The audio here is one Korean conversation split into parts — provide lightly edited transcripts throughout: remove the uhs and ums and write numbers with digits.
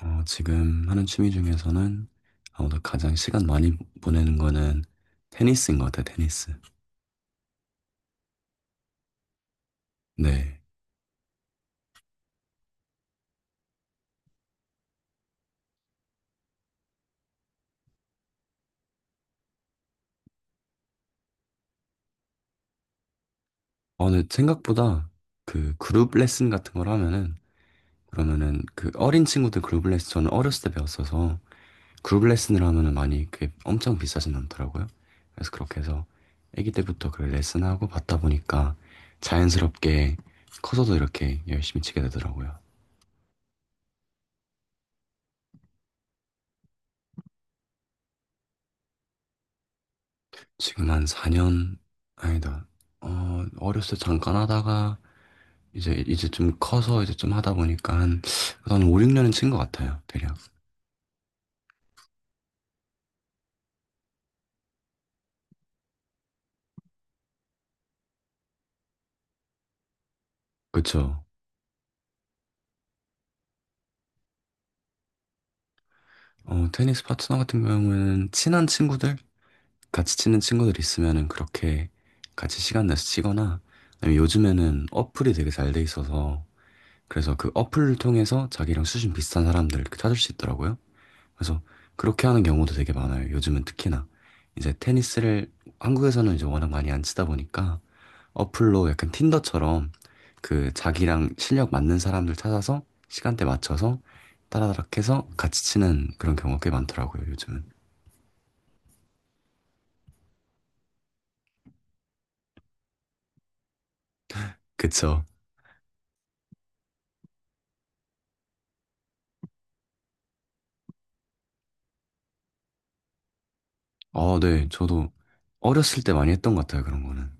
지금 하는 취미 중에서는 아무래도 가장 시간 많이 보내는 거는 테니스인 것 같아요, 테니스. 네. 근데 생각보다 그 그룹 레슨 같은 걸 하면은, 그러면은 그 어린 친구들 그룹 레슨, 저는 어렸을 때 배웠어서 그룹 레슨을 하면은 많이 그게 엄청 비싸진 않더라고요. 그래서 그렇게 해서 아기 때부터 그 레슨하고 받다 보니까 자연스럽게 커서도 이렇게 열심히 치게 되더라고요. 지금 한 4년, 아니다. 어렸을 때 잠깐 하다가, 이제 좀 커서 이제 좀 하다 보니까 한 5, 6년은 친 것 같아요, 대략. 그쵸. 테니스 파트너 같은 경우는 친한 친구들? 같이 치는 친구들 있으면은 그렇게 같이 시간 내서 치거나, 아니면 요즘에는 어플이 되게 잘 돼 있어서, 그래서 그 어플을 통해서 자기랑 수준 비슷한 사람들 이렇게 찾을 수 있더라고요. 그래서 그렇게 하는 경우도 되게 많아요. 요즘은 특히나 이제 테니스를 한국에서는 이제 워낙 많이 안 치다 보니까 어플로 약간 틴더처럼 그 자기랑 실력 맞는 사람들 찾아서 시간대 맞춰서 따라다락 해서 같이 치는 그런 경우가 꽤 많더라고요, 요즘은. 그쵸. 아, 네. 저도 어렸을 때 많이 했던 것 같아요, 그런 거는.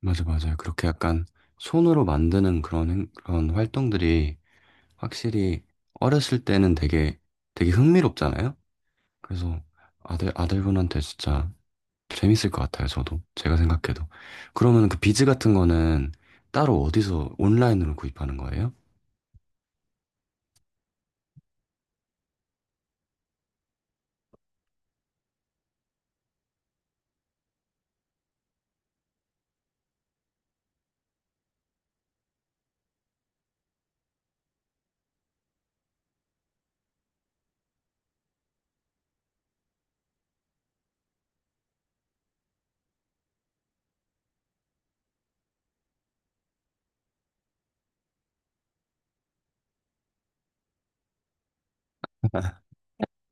맞아, 맞아요. 그렇게 약간 손으로 만드는 그런, 그런 활동들이 확실히 어렸을 때는 되게, 되게 흥미롭잖아요? 그래서 아들분한테 진짜 재밌을 것 같아요, 저도. 제가 생각해도. 그러면 그 비즈 같은 거는 따로 어디서 온라인으로 구입하는 거예요?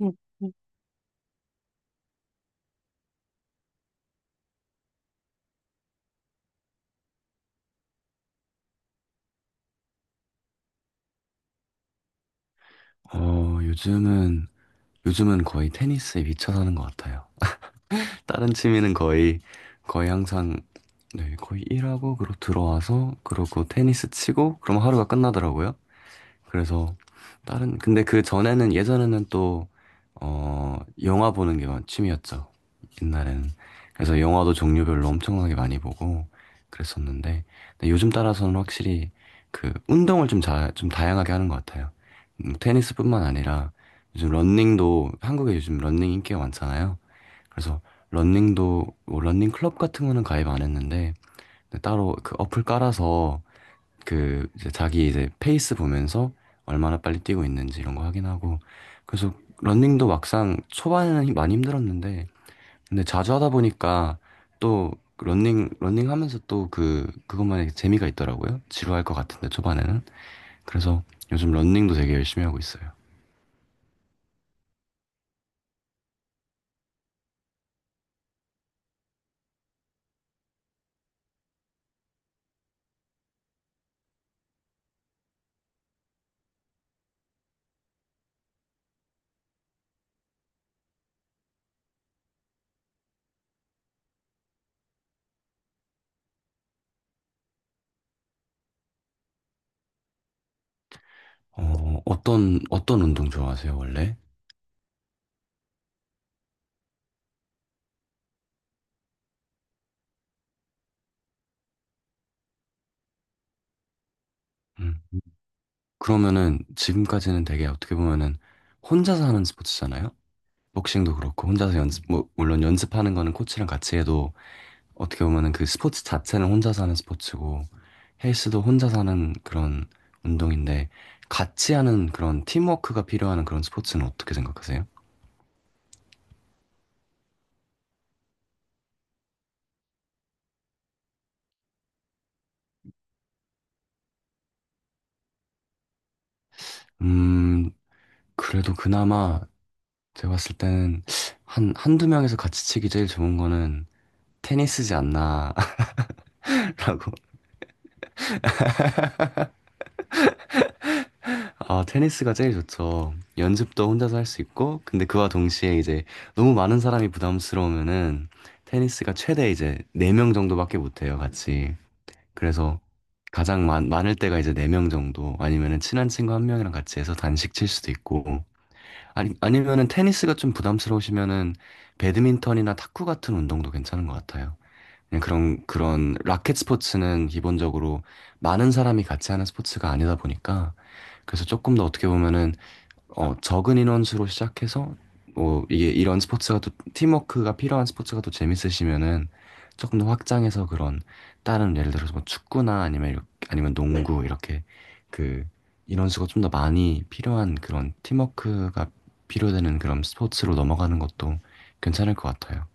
음. 어, 요즘은, 요즘은 거의 테니스에 미쳐 사는 것 같아요. 다른 취미는 거의 항상, 네, 거의 일하고, 그리고 들어와서, 그러고 테니스 치고, 그럼 하루가 끝나더라고요. 그래서 다른 근데 그 전에는 예전에는 또 영화 보는 게 취미였죠. 옛날에는. 그래서 영화도 종류별로 엄청나게 많이 보고 그랬었는데 근데 요즘 따라서는 확실히 그 운동을 좀 좀 다양하게 하는 것 같아요. 테니스뿐만 아니라 요즘 런닝도 한국에 요즘 런닝 인기가 많잖아요. 그래서 런닝도뭐닝 클럽 같은 거는 가입 안 했는데 근데 따로 그 어플 깔아서 그 이제 자기 이제 페이스 보면서 얼마나 빨리 뛰고 있는지 이런 거 확인하고 그래서 런닝도 막상 초반에는 많이 힘들었는데 근데 자주 하다 보니까 또 런닝 하면서 또 그 그것만의 재미가 있더라고요. 지루할 것 같은데 초반에는. 그래서 요즘 런닝도 되게 열심히 하고 있어요. 어떤 운동 좋아하세요, 원래? 음. 그러면은 지금까지는 되게 어떻게 보면은 혼자서 하는 스포츠잖아요. 복싱도 그렇고 혼자서 연습 뭐 물론 연습하는 거는 코치랑 같이 해도 어떻게 보면은 그 스포츠 자체는 혼자서 하는 스포츠고 헬스도 혼자서 하는 그런 운동인데 같이 하는 그런 팀워크가 필요한 그런 스포츠는 어떻게 생각하세요? 음 그래도 그나마 제가 봤을 때는 한 한두 명에서 같이 치기 제일 좋은 거는 테니스지 않나라고. 아, 테니스가 제일 좋죠. 연습도 혼자서 할 수 있고, 근데 그와 동시에 이제 너무 많은 사람이 부담스러우면은 테니스가 최대 이제 4명 정도밖에 못 해요, 같이. 그래서 가장 많을 때가 이제 4명 정도, 아니면은 친한 친구 한 명이랑 같이 해서 단식 칠 수도 있고, 아니, 아니면은 테니스가 좀 부담스러우시면은 배드민턴이나 탁구 같은 운동도 괜찮은 것 같아요. 그냥 그런 라켓 스포츠는 기본적으로 많은 사람이 같이 하는 스포츠가 아니다 보니까 그래서 조금 더 어떻게 보면은 적은 인원수로 시작해서 뭐 이게 이런 스포츠가 또 팀워크가 필요한 스포츠가 또 재밌으시면은 조금 더 확장해서 그런 다른 예를 들어서 뭐 축구나 아니면 이렇게, 아니면 네. 농구 이렇게 그 인원수가 좀 더 많이 필요한 그런 팀워크가 필요되는 그런 스포츠로 넘어가는 것도 괜찮을 것 같아요.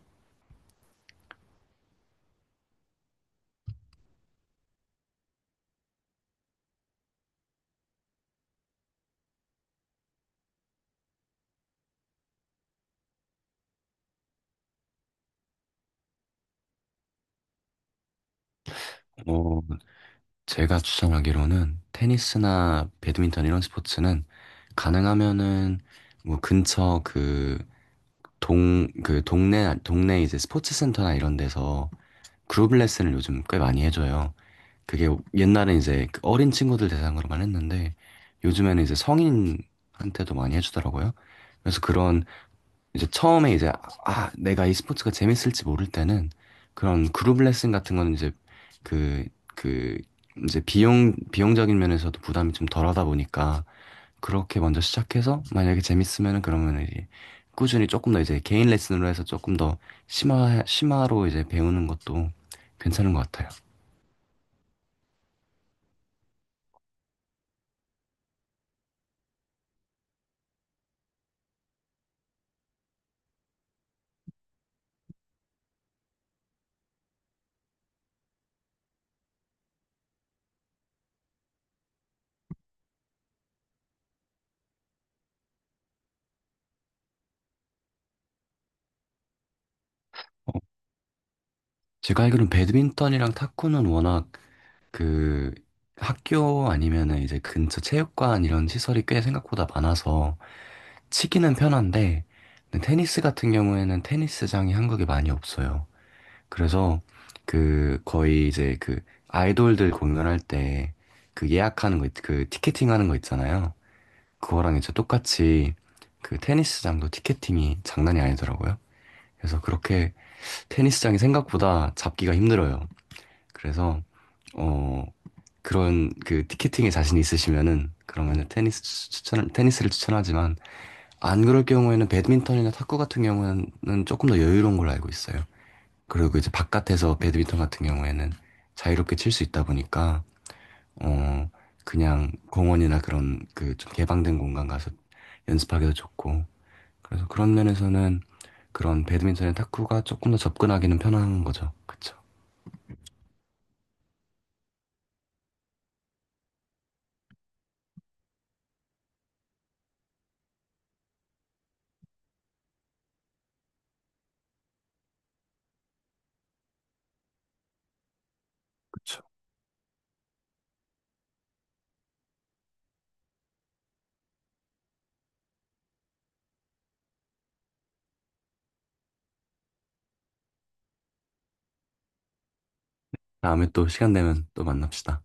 어, 제가 추천하기로는 테니스나 배드민턴 이런 스포츠는 가능하면은 뭐 근처 그 동네 이제 스포츠 센터나 이런 데서 그룹 레슨을 요즘 꽤 많이 해줘요. 그게 옛날엔 이제 그 어린 친구들 대상으로만 했는데 요즘에는 이제 성인한테도 많이 해주더라고요. 그래서 그런 이제 처음에 이제 아, 내가 이 스포츠가 재밌을지 모를 때는 그런 그룹 레슨 같은 거는 이제 그, 그 이제 비용적인 면에서도 부담이 좀 덜하다 보니까 그렇게 먼저 시작해서 만약에 재밌으면은 그러면 이제 꾸준히 조금 더 이제 개인 레슨으로 해서 조금 더 심화로 이제 배우는 것도 괜찮은 것 같아요. 어, 제가 알기로는 배드민턴이랑 탁구는 워낙 그 학교 아니면은 이제 근처 체육관 이런 시설이 꽤 생각보다 많아서 치기는 편한데 근데 테니스 같은 경우에는 테니스장이 한국에 많이 없어요. 그래서 그 거의 이제 그 아이돌들 공연할 때 그 예약하는 거, 그 티켓팅 하는 거 있잖아요. 그거랑 이제 똑같이 그 테니스장도 티켓팅이 장난이 아니더라고요. 그래서 그렇게 테니스장이 생각보다 잡기가 힘들어요. 그래서 어 그런 그 티켓팅에 자신이 있으시면은 그러면은 테니스를 추천하지만 안 그럴 경우에는 배드민턴이나 탁구 같은 경우는 조금 더 여유로운 걸로 알고 있어요. 그리고 이제 바깥에서 배드민턴 같은 경우에는 자유롭게 칠 수 있다 보니까 어 그냥 공원이나 그런 그 좀 개방된 공간 가서 연습하기도 좋고 그래서 그런 면에서는 그런 배드민턴이나 탁구가 조금 더 접근하기는 편한 거죠. 그쵸? 그쵸. 다음에 또 시간 되면 또 만납시다.